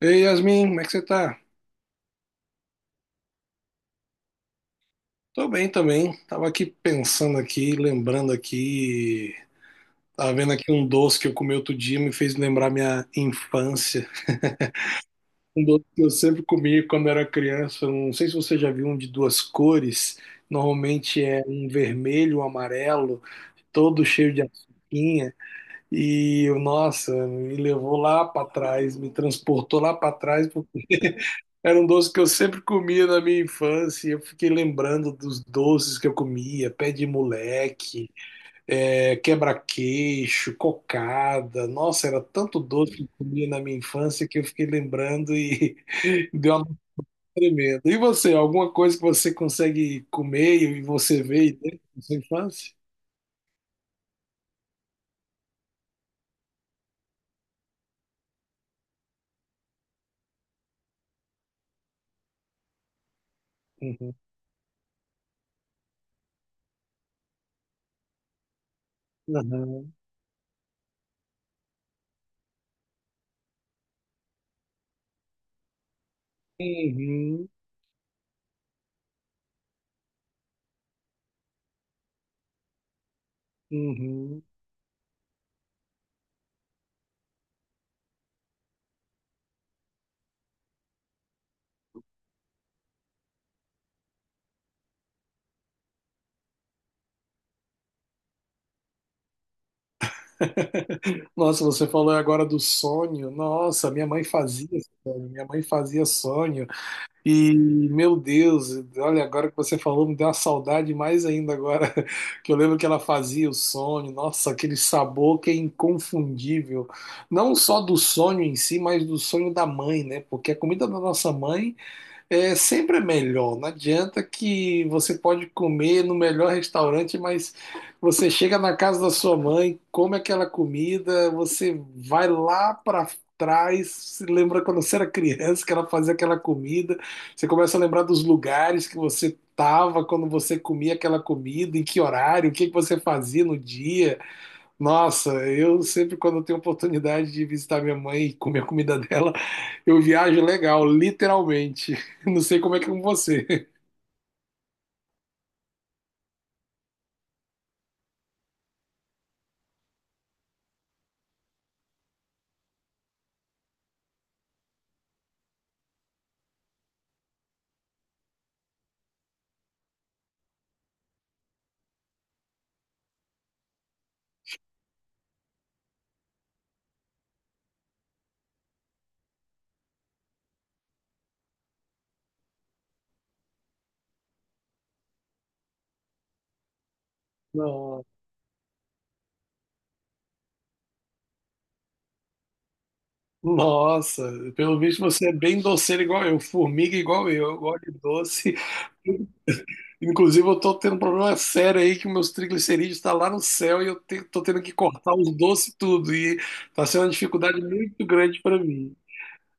Ei, Yasmin, como é que você tá? Tô bem também. Tava aqui pensando aqui, lembrando aqui. Tava vendo aqui um doce que eu comi outro dia, me fez lembrar minha infância. Um doce que eu sempre comi quando era criança. Não sei se você já viu um de duas cores. Normalmente é um vermelho, um amarelo, todo cheio de açuquinha. E, nossa, me levou lá pra trás, me transportou lá pra trás. Era um doce que eu sempre comia na minha infância. E eu fiquei lembrando dos doces que eu comia, pé de moleque, quebra-queixo, cocada. Nossa, era tanto doce que eu comia na minha infância que eu fiquei lembrando e deu uma tremenda. E você, alguma coisa que você consegue comer e você vê e tem na sua infância? Uhum. Uhum. Uhum. Uhum. Nossa, você falou agora do sonho. Nossa, minha mãe fazia sonho. Minha mãe fazia sonho. E, meu Deus, olha, agora que você falou, me deu uma saudade mais ainda agora, que eu lembro que ela fazia o sonho, nossa, aquele sabor que é inconfundível, não só do sonho em si, mas do sonho da mãe, né? Porque a comida da nossa mãe sempre é melhor. Não adianta que você pode comer no melhor restaurante, mas você chega na casa da sua mãe, come aquela comida, você vai lá para trás, se lembra quando você era criança que ela fazia aquela comida, você começa a lembrar dos lugares que você estava quando você comia aquela comida, em que horário, o que que você fazia no dia. Nossa, eu sempre quando eu tenho oportunidade de visitar minha mãe e comer a comida dela, eu viajo legal, literalmente. Não sei como é que é com você. Não. Nossa, pelo visto você é bem doceiro igual eu, formiga igual eu gosto de doce. Inclusive eu tô tendo um problema sério aí que meus triglicerídeos tá lá no céu e eu tô tendo que cortar os doces tudo e tá sendo uma dificuldade muito grande para mim.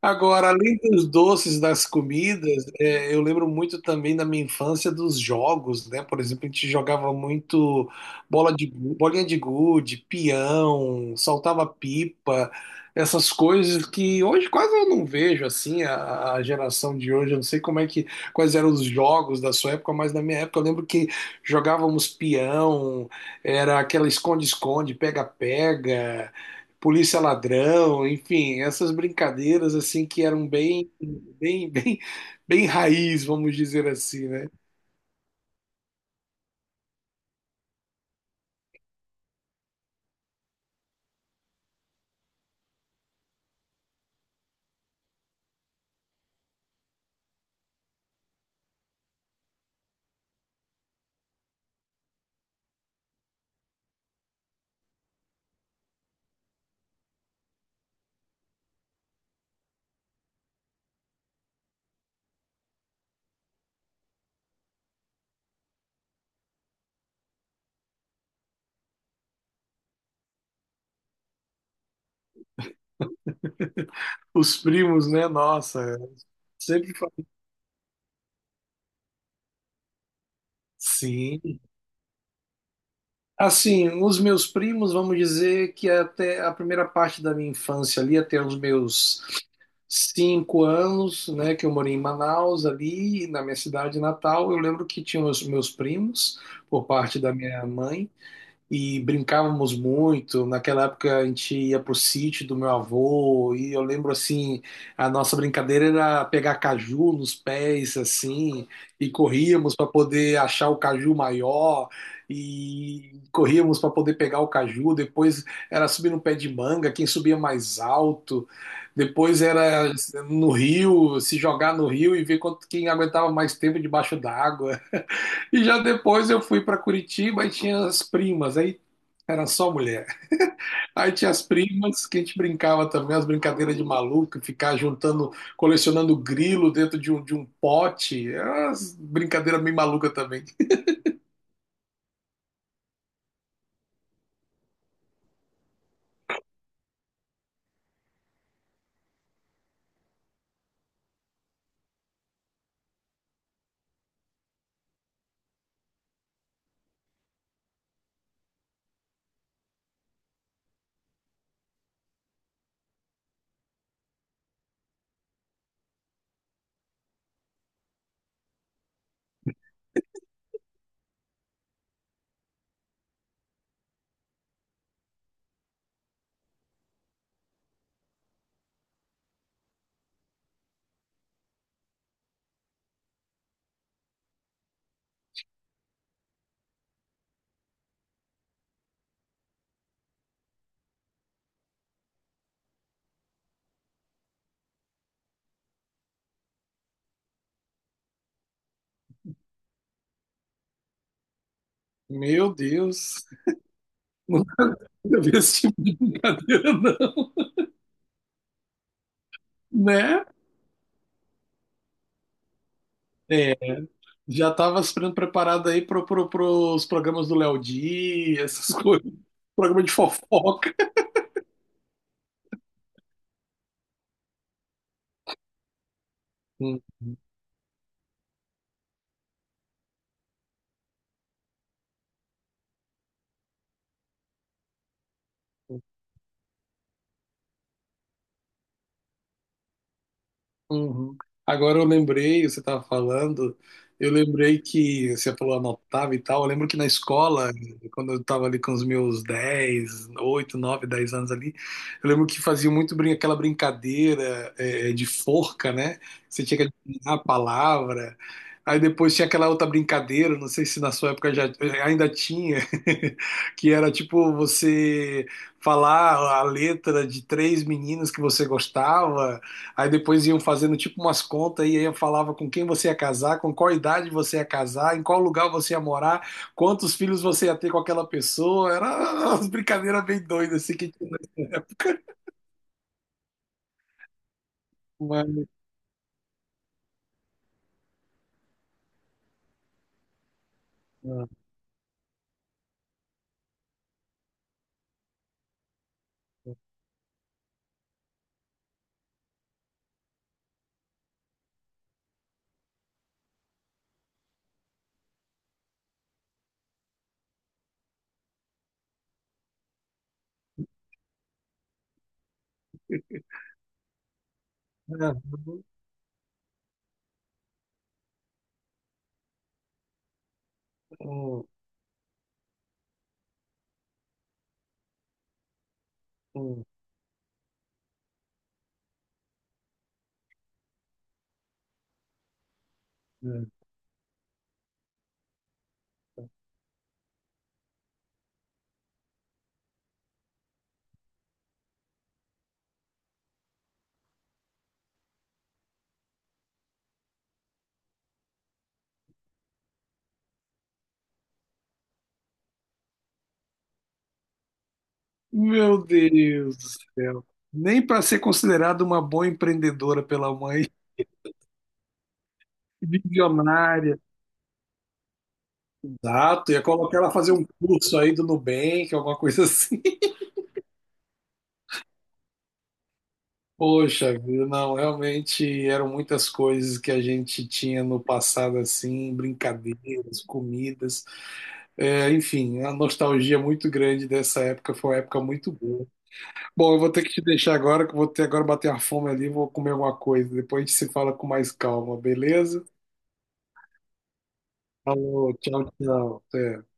Agora, além dos doces, das comidas, eu lembro muito também da minha infância dos jogos, né? Por exemplo, a gente jogava muito bola de, bolinha de gude, peão, saltava pipa, essas coisas que hoje quase eu não vejo assim, a geração de hoje, eu não sei quais eram os jogos da sua época, mas na minha época eu lembro que jogávamos peão, era aquela esconde-esconde, pega-pega, Polícia Ladrão, enfim, essas brincadeiras assim que eram bem, bem, bem raiz, vamos dizer assim, né? Os primos, né? Nossa, sempre fa- sim. Assim, os meus primos, vamos dizer que até a primeira parte da minha infância ali, até os meus 5 anos, né, que eu morei em Manaus, ali na minha cidade natal, eu lembro que tinha os meus primos, por parte da minha mãe, e brincávamos muito. Naquela época a gente ia pro sítio do meu avô e eu lembro assim, a nossa brincadeira era pegar caju nos pés assim e corríamos para poder achar o caju maior e corríamos para poder pegar o caju. Depois era subir no pé de manga, quem subia mais alto. Depois era no rio, se jogar no rio e ver quem aguentava mais tempo debaixo d'água. E já depois eu fui para Curitiba e tinha as primas, aí era só mulher. Aí tinha as primas que a gente brincava também, as brincadeiras de maluco, ficar juntando, colecionando grilo dentro de um pote. Era umas brincadeiras meio maluca também. Meu Deus, não vi esse tipo de brincadeira, não. Né? É, já estava sendo preparado aí pro os programas do Léo Dias, essas coisas. Programa de fofoca. Hum. Uhum. Agora eu lembrei, você estava falando, eu lembrei que você falou anotava e tal. Eu lembro que na escola, quando eu estava ali com os meus 10 8 9 10 anos ali, eu lembro que fazia muito brin aquela brincadeira de forca, né? Você tinha que adivinhar a palavra. Aí depois tinha aquela outra brincadeira, não sei se na sua época já ainda tinha, que era tipo você falar a letra de três meninas que você gostava. Aí depois iam fazendo tipo umas contas e aí falava com quem você ia casar, com qual idade você ia casar, em qual lugar você ia morar, quantos filhos você ia ter com aquela pessoa. Era umas brincadeiras bem doidas assim que tinha nessa época. Mas, ah, ah, ah, ah. Meu Deus do céu. Nem para ser considerada uma boa empreendedora pela mãe, bilionária. Exato, ia colocar ela a fazer um curso aí do Nubank, alguma coisa assim. Poxa vida, não, realmente eram muitas coisas que a gente tinha no passado, assim, brincadeiras, comidas, enfim, a nostalgia muito grande dessa época, foi uma época muito boa. Bom, eu vou ter que te deixar agora, que eu vou ter agora bater a fome ali, vou comer alguma coisa, depois a gente se fala com mais calma, beleza? Falou, tchau, tchau, até.